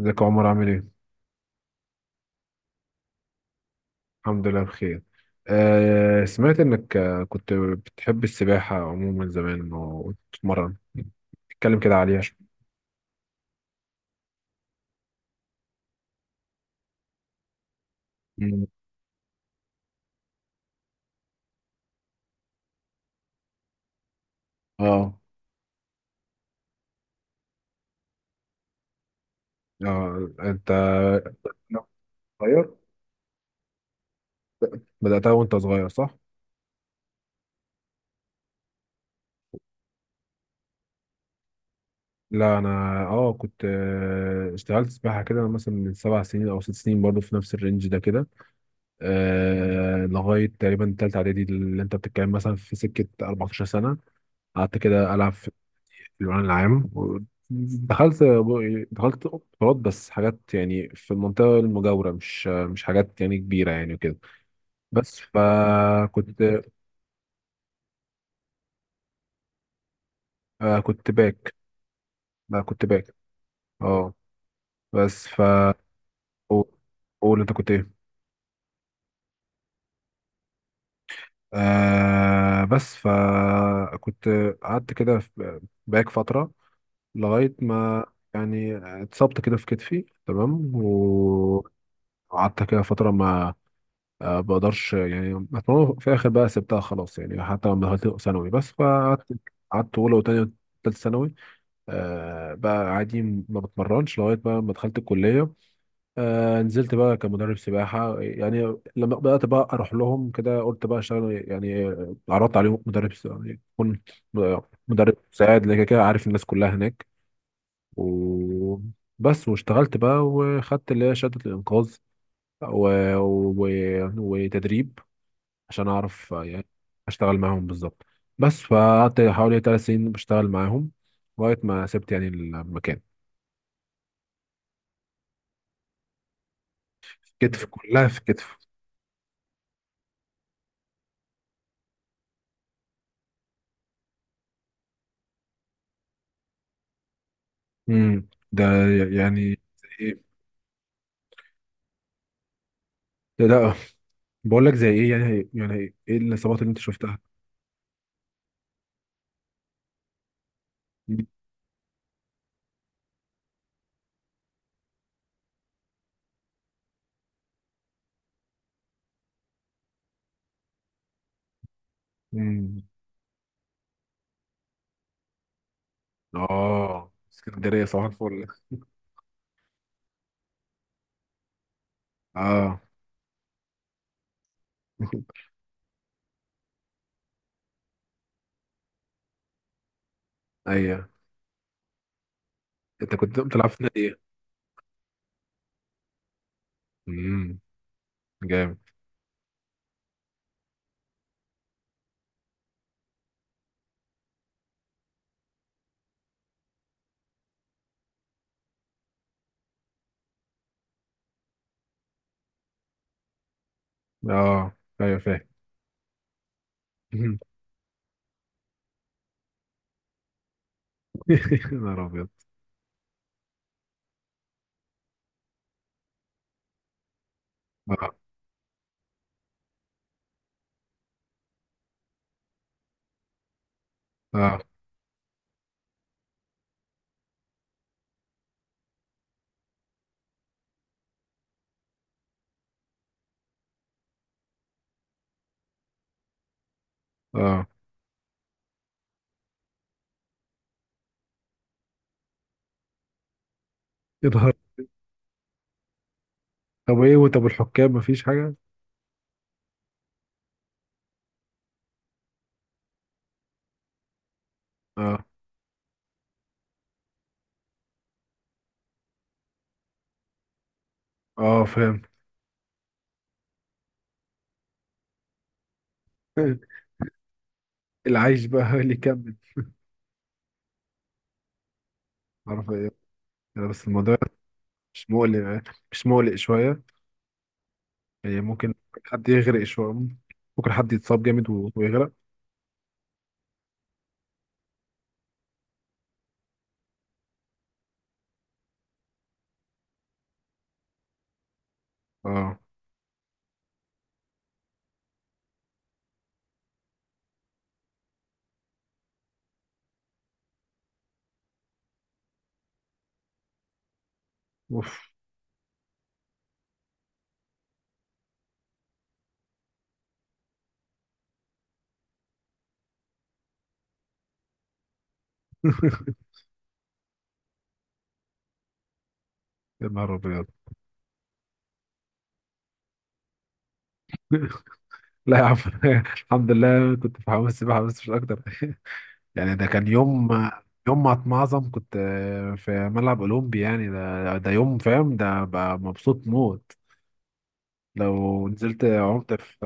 ازيك يا عمر عامل ايه؟ الحمد لله بخير. سمعت انك كنت بتحب السباحة عموما زمان وتتمرن. اتكلم كده عليها شوية. مم. اه انت. لا، صغير، بدأتها وانت صغير صح؟ لا انا، اه كنت اشتغلت سباحة كده مثلا من سبع سنين او ست سنين برضو في نفس الرينج ده كده. آه لغاية تقريبا تالتة اعدادي اللي انت بتتكلم مثلا في سكة 14 سنة، قعدت كده العب في الأمن العام. دخلت دخلت اختبارات بس حاجات يعني في المنطقة المجاورة، مش حاجات يعني كبيرة يعني وكده. بس فكنت كنت باك. آه، كنت باك اه بس ف، قول، قول انت كنت ايه. آه بس فكنت قعدت كده في باك فترة لغاية ما يعني اتصبت كده في كتفي تمام. وقعدت كده فترة ما، بقدرش يعني أتمنى. في الآخر بقى سبتها خلاص يعني، حتى لما دخلت ثانوي. بس فقعدت، أولى وتانية وتالتة ثانوي. آه بقى عادي، ما بتمرنش لغاية بقى ما دخلت الكلية. آه نزلت بقى كمدرب سباحة يعني. لما بدأت بقى أروح لهم كده قلت بقى أشتغل يعني. عرضت عليهم يعني أكون مدرب مساعد، لكن كده عارف الناس كلها هناك. و بس، واشتغلت بقى وخدت اللي هي شهادة الإنقاذ و... و... وتدريب عشان اعرف يعني اشتغل معاهم بالظبط. بس فقعدت حوالي ثلاث سنين بشتغل معاهم لغايه ما سبت يعني المكان. كتف، كلها في كتف. ده يعني. إيه؟ لا بقول لك زي ايه يعني، يعني ايه الاصابات اللي انت شفتها. مم. اه اسكندرية صباح الفل. اه ايوه. انت كنت بتلعب في نادي ايه؟ امم، جامد. اه ايوه فاهم. يا نهار ابيض. اه اه اه يا نهار. طب ايه، وطب الحكام مفيش حاجة؟ اه اه فاهم. العيش بقى هو اللي يكمل. حرفيا. أنا بس الموضوع مش مقلق يعني، مش مقلق شوية يعني. ممكن حد يغرق شوية، ممكن حد يتصاب جامد ويغرق. اه اوف. يا نهار ابيض. لا يا عم. الحمد لله كنت في حمام السباحة بس مش أكتر. يعني ده كان يوم، يوم ما اتمعظم. كنت في ملعب أولمبي يعني. ده ده يوم فاهم، ده بقى مبسوط موت. لو نزلت عمت في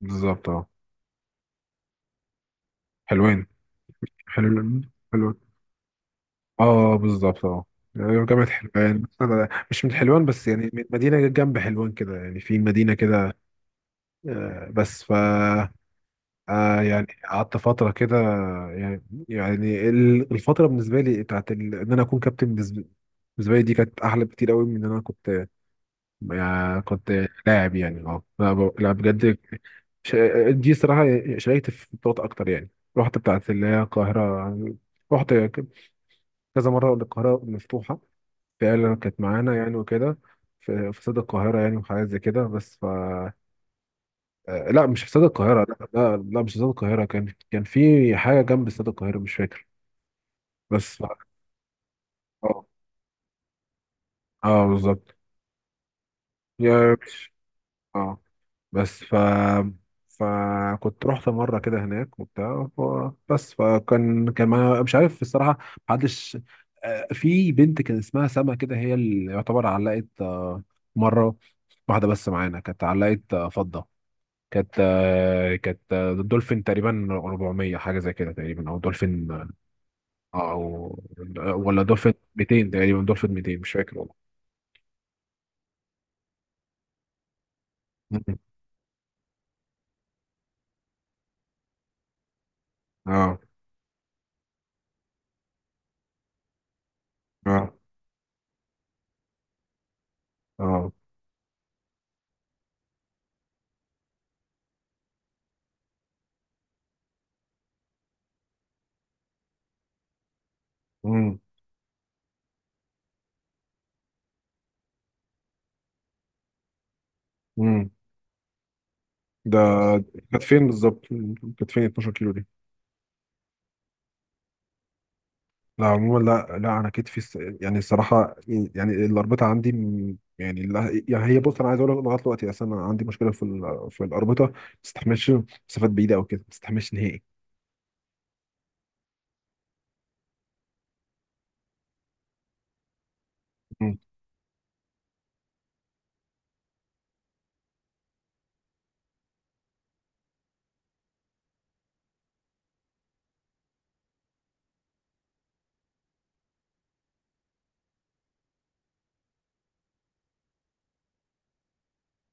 بالظبط اه. حلوين، حلو حلو. اه بالظبط اه، جامعة حلوان. أنا مش من حلوان بس يعني من مدينة جنب حلوان كده، يعني في مدينة كده. بس ف يعني قعدت فترة كده يعني، يعني الفترة بالنسبة لي بتاعت إن أنا أكون كابتن. بالنسبة لي دي كانت أحلى بكتير قوي من إن أنا كنت، يعني كنت لاعب يعني. اه لا بجد. ش... دي صراحة، شاركت في بطولات أكتر يعني. رحت بتاعت اللي هي القاهرة. رحت ك- كذا مرة القاهرة مفتوحة فعلا كانت معانا يعني وكده. في استاد القاهرة يعني وحاجات زي كده. بس ف لا مش في استاد القاهرة، لا مش في استاد القاهرة. كان في حاجة جنب استاد القاهرة مش فاكر. بس ف- اه اه بالظبط. يا مش- اه. بس ف، فكنت رحت مره كده هناك وبتاع بس فكان، كان ما مش عارف الصراحه، محدش. في بنت كان اسمها سما كده، هي اللي يعتبر علقت مره واحده بس معانا، كانت علقت فضه. كانت دولفين تقريبا 400 حاجه زي كده تقريبا، او دولفين او ولا دولفين 200 تقريبا، دولفين 200 مش فاكر والله. مم. اه اه اه. مم. مم. ده كانت فين بالظبط، كانت فين 12 كيلو دي؟ لا عموما لا لا انا يعني الصراحه يعني الاربطه عندي يعني لا يعني هي، بص انا عايز اقول لك لغايه دلوقتي. اصل انا عندي مشكله في الاربطه، ما تستحملش مسافات بعيده او كده، ما تستحملش نهائي. مم.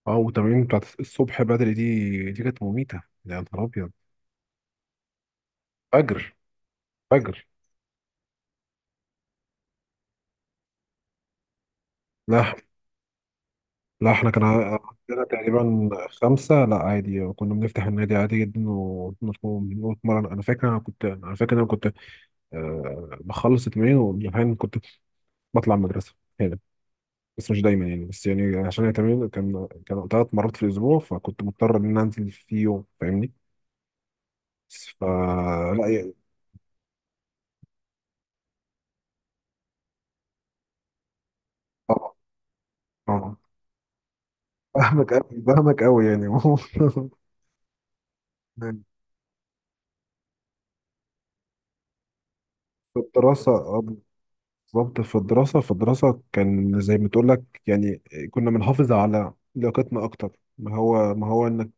اه، والتمارين بتاعت الصبح بدري دي، كانت مميته يا نهار ابيض. فجر فجر. لا لا احنا عندنا تقريبا خمسة. لا عادي كنا بنفتح النادي عادي جدا ونتمرن. انا فاكر انا كنت، أه بخلص التمرين، واحيانا كنت بطلع المدرسه هنا، بس مش دايما يعني. بس يعني عشان التمرين كان ثلاث مرات في الاسبوع، فكنت مضطر ان أنا انزل في يوم فاهمني. ف، لا يعني. طبعا طبعا. فاهمك قوي يعني. يعني في الدراسه بالظبط. في الدراسه كان زي ما تقول لك يعني. كنا بنحافظ على لياقتنا اكتر. ما هو انك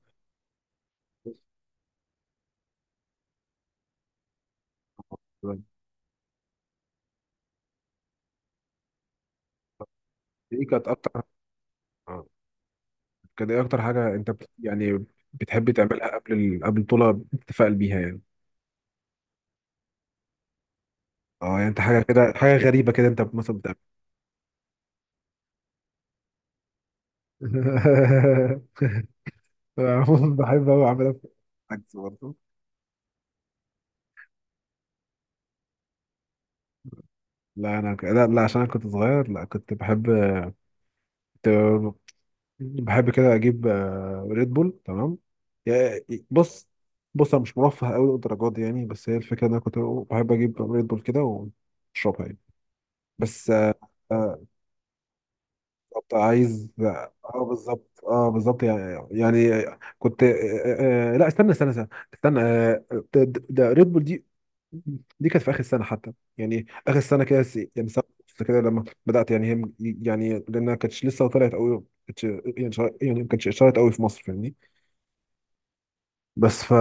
دي كانت اكتر. كان ايه اكتر حاجه انت يعني بتحب تعملها قبل البطوله بتتفائل بيها يعني؟ اه يعني انت حاجه كده، حاجه غريبه كده انت مثلا بتعمل. عموما بحب أوي أعملها في عكس برضه. لا عشان انا كنت صغير. لا كنت بحب كنت بحب كده اجيب ريد بول تمام. يا- بص، انا مش مرفه قوي للدرجات دي يعني، بس هي الفكره ان انا كنت بحب اجيب ريد بول كده واشربها يعني. بس آه، بالظبط عايز. اه بالظبط اه بالظبط يعني. يعني كنت لا، استنى آه ده, ريد بول دي، دي كانت في اخر السنه حتى يعني. اخر السنه كده يعني سنه ونص كده لما بدات يعني هي، يعني لانها كانتش لسه طلعت قوي كانتش يعني يعني ما كانتش اشتهرت قوي في مصر فاهمني. بس ف،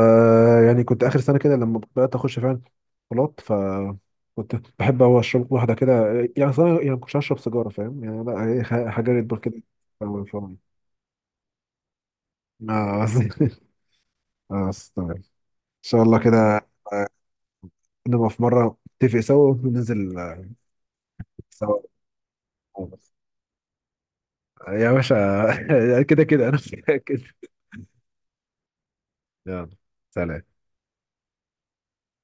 يعني كنت اخر سنه كده لما بدات اخش فعلا بلاط. ف كنت بحب هو اشرب واحده كده يعني، صراحه يعني ما كنتش هشرب سيجاره فاهم يعني. لا هي حاجه ريد بول كده. اه اه استنى. ان شاء الله كده نبقى في مره نتفق سوا وننزل سوا. يا باشا. كده كده انا متاكد. يلا سلام.